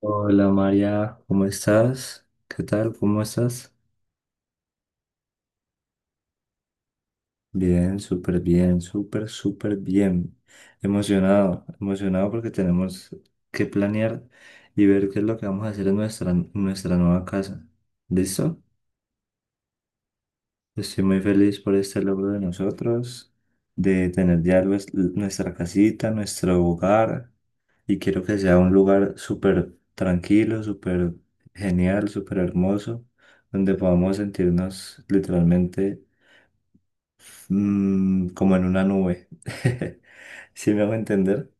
Hola María, ¿cómo estás? ¿Qué tal? ¿Cómo estás? Bien, súper, súper bien. Emocionado, emocionado porque tenemos que planear y ver qué es lo que vamos a hacer en nuestra nueva casa. ¿Listo? Estoy muy feliz por este logro de nosotros, de tener ya nuestra casita, nuestro hogar. Y quiero que sea un lugar súper tranquilo, súper genial, súper hermoso, donde podamos sentirnos literalmente como en una nube. ¿Sí me hago entender?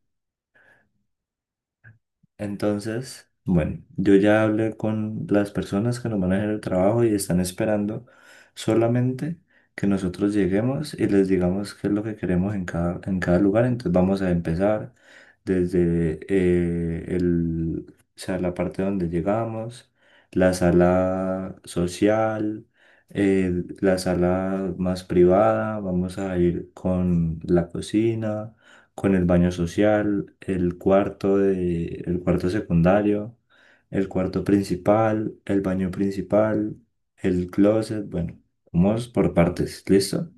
Entonces, bueno, yo ya hablé con las personas que nos manejan el trabajo y están esperando solamente que nosotros lleguemos y les digamos qué es lo que queremos en cada lugar. Entonces vamos a empezar desde la parte donde llegamos, la sala social, la sala más privada, vamos a ir con la cocina, con el baño social, el cuarto secundario, el cuarto principal, el baño principal, el closet, bueno, vamos por partes, ¿listo?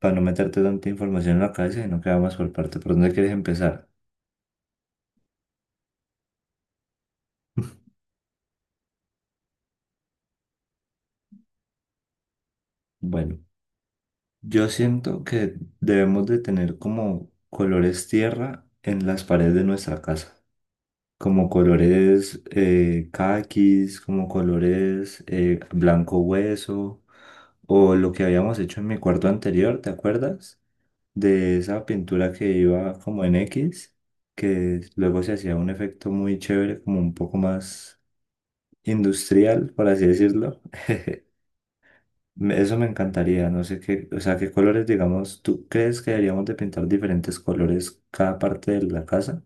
Para no meterte tanta información en la cabeza, sino que vamos por parte. ¿Por dónde quieres empezar? Bueno, yo siento que debemos de tener como colores tierra en las paredes de nuestra casa. Como colores caquis, como colores blanco hueso, o lo que habíamos hecho en mi cuarto anterior, ¿te acuerdas? De esa pintura que iba como en X, que luego se hacía un efecto muy chévere, como un poco más industrial, por así decirlo. Eso me encantaría, no sé qué, o sea, qué colores, digamos, ¿tú crees que deberíamos de pintar diferentes colores cada parte de la casa?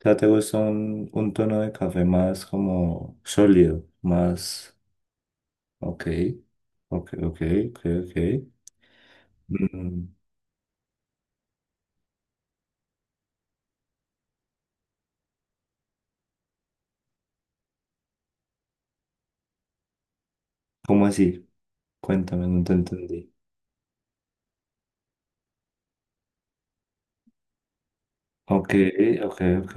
O sea, te gusta un tono de café más como sólido, más... Ok, ok, ok, ok, ok. Mm, ¿cómo así? Cuéntame, no te entendí. Ok, ok, ok.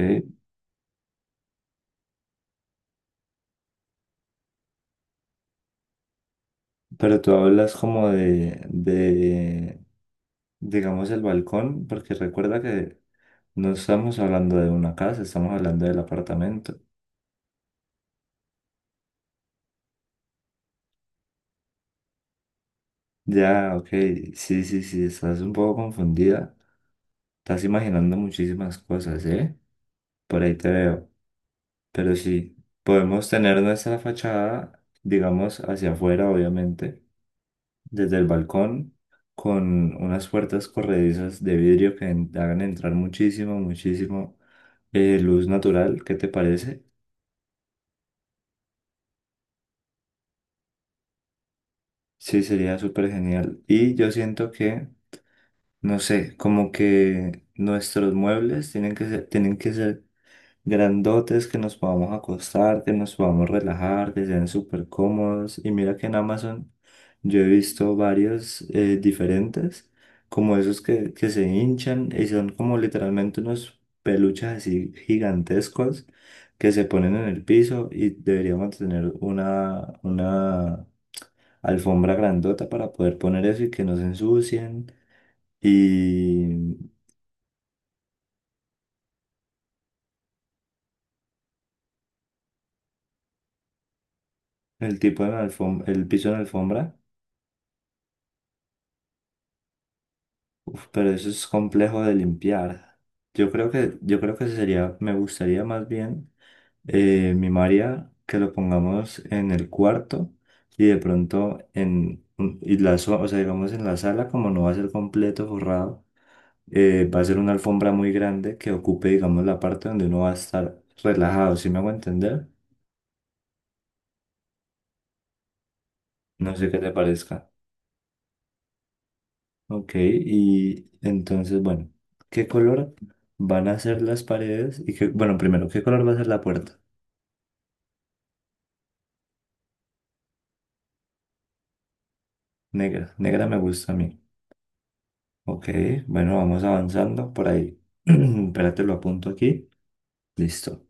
Pero tú hablas como digamos, el balcón, porque recuerda que no estamos hablando de una casa, estamos hablando del apartamento. Ya, ok, sí, sí, sí, estás un poco confundida. Estás imaginando muchísimas cosas, ¿eh? Por ahí te veo. Pero sí, podemos tener nuestra fachada, digamos, hacia afuera, obviamente, desde el balcón, con unas puertas corredizas de vidrio que hagan entrar muchísimo, muchísimo luz natural. ¿Qué te parece? Sí, sería súper genial. Y yo siento que, no sé, como que nuestros muebles tienen que ser grandotes, que nos podamos acostar, que nos podamos relajar, que sean súper cómodos. Y mira que en Amazon yo he visto varios diferentes, como esos que se hinchan y son como literalmente unos peluches así gigantescos que se ponen en el piso, y deberíamos tener una alfombra grandota para poder poner eso y que no se ensucien. Y el tipo de alfombra, el piso en alfombra. Uf, pero eso es complejo de limpiar. Yo creo que sería, me gustaría más bien, mi María, que lo pongamos en el cuarto y de pronto en y o sea, digamos en la sala, como no va a ser completo forrado, va a ser una alfombra muy grande que ocupe, digamos, la parte donde uno va a estar relajado, ¿si me hago entender? No sé qué te parezca. Ok, y entonces, bueno, ¿qué color van a ser las paredes? Y qué, bueno, primero, ¿qué color va a ser la puerta? Negra, negra me gusta a mí. Ok, bueno, vamos avanzando por ahí. Espérate, lo apunto aquí. Listo.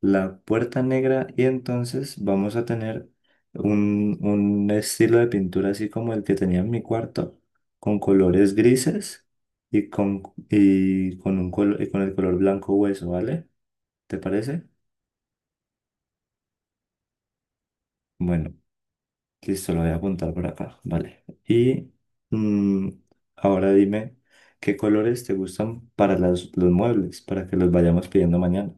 La puerta negra, y entonces vamos a tener un estilo de pintura así como el que tenía en mi cuarto, con colores grises y con, y con el color blanco hueso, ¿vale? ¿Te parece? Bueno. Listo, lo voy a apuntar por acá. Vale. Y mm, ahora dime, ¿qué colores te gustan para los muebles? Para que los vayamos pidiendo mañana.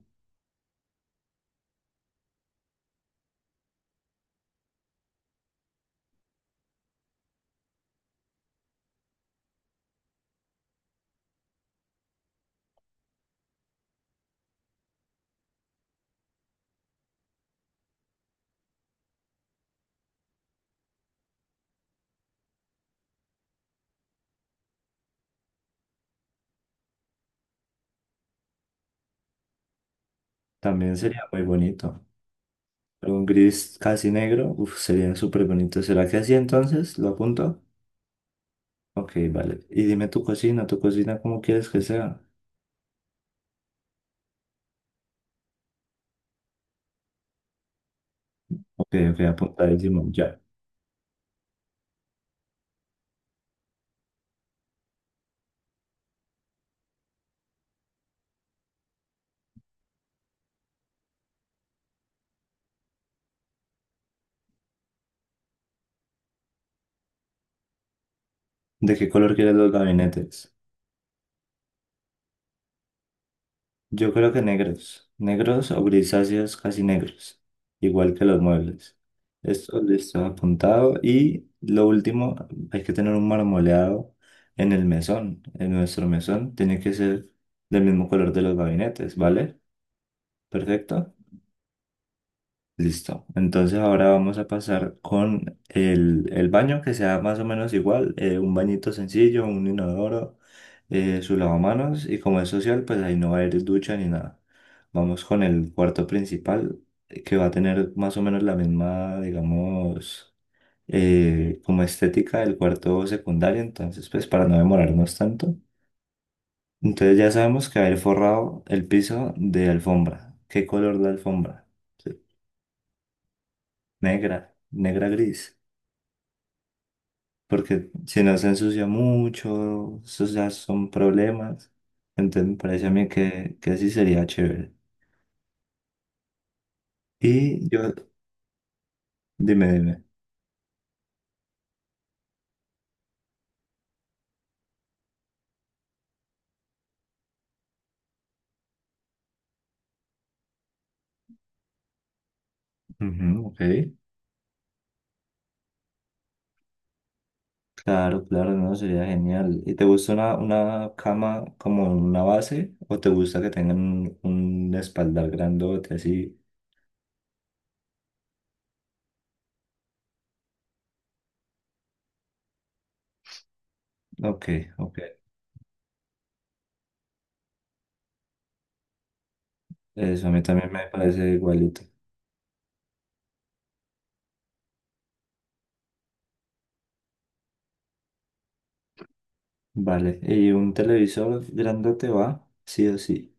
También sería muy bonito. Pero un gris casi negro, uf, sería súper bonito. ¿Será que así entonces? ¿Lo apunto? Ok, vale. Y dime, tu cocina, ¿cómo quieres que sea? Ok, ok, apuntadísimo, ya. ¿De qué color quieres los gabinetes? Yo creo que negros, negros o grisáceos casi negros, igual que los muebles. Esto le está apuntado. Y lo último, hay que tener un marmoleado en el mesón. En nuestro mesón tiene que ser del mismo color de los gabinetes, ¿vale? Perfecto. Listo. Entonces ahora vamos a pasar con el baño, que sea más o menos igual, un bañito sencillo, un inodoro, su lavamanos, y como es social, pues ahí no va a haber ducha ni nada. Vamos con el cuarto principal, que va a tener más o menos la misma, digamos, como estética del cuarto secundario, entonces pues para no demorarnos tanto. Entonces ya sabemos que va a ir forrado el piso de alfombra. ¿Qué color la alfombra? Sí. Negra, negra gris. Porque si no se ensucia mucho, esos ya son problemas. Entonces me parece a mí que sí sería chévere. Y yo, dime, dime. Ujú, ok. Claro, claro, no, sería genial. ¿Y te gusta una cama como una base, o te gusta que tengan un espaldar grandote así? Ok, ok. Eso a mí también me parece igualito. Vale, ¿y un televisor grandote va? Sí o sí.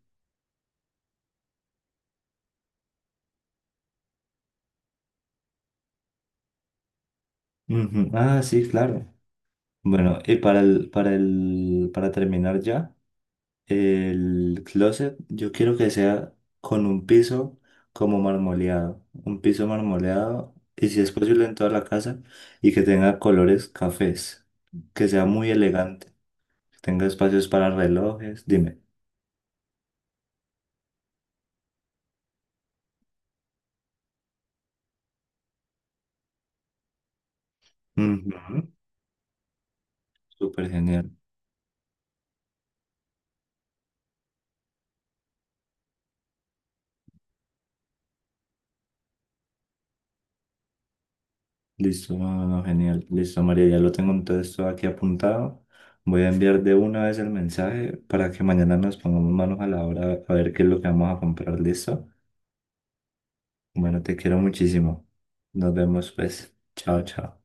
Ujú. Ah, sí, claro. Bueno, y para terminar ya, el closet yo quiero que sea con un piso como marmoleado, un piso marmoleado y si es posible en toda la casa, y que tenga colores cafés, que sea muy elegante, que tenga espacios para relojes, dime. Ujú, súper genial. Listo, no, no, no, genial. Listo, María, ya lo tengo entonces todo aquí apuntado. Voy a enviar de una vez el mensaje para que mañana nos pongamos manos a la obra a ver qué es lo que vamos a comprar. ¿Listo? Bueno, te quiero muchísimo. Nos vemos pues. Chao, chao.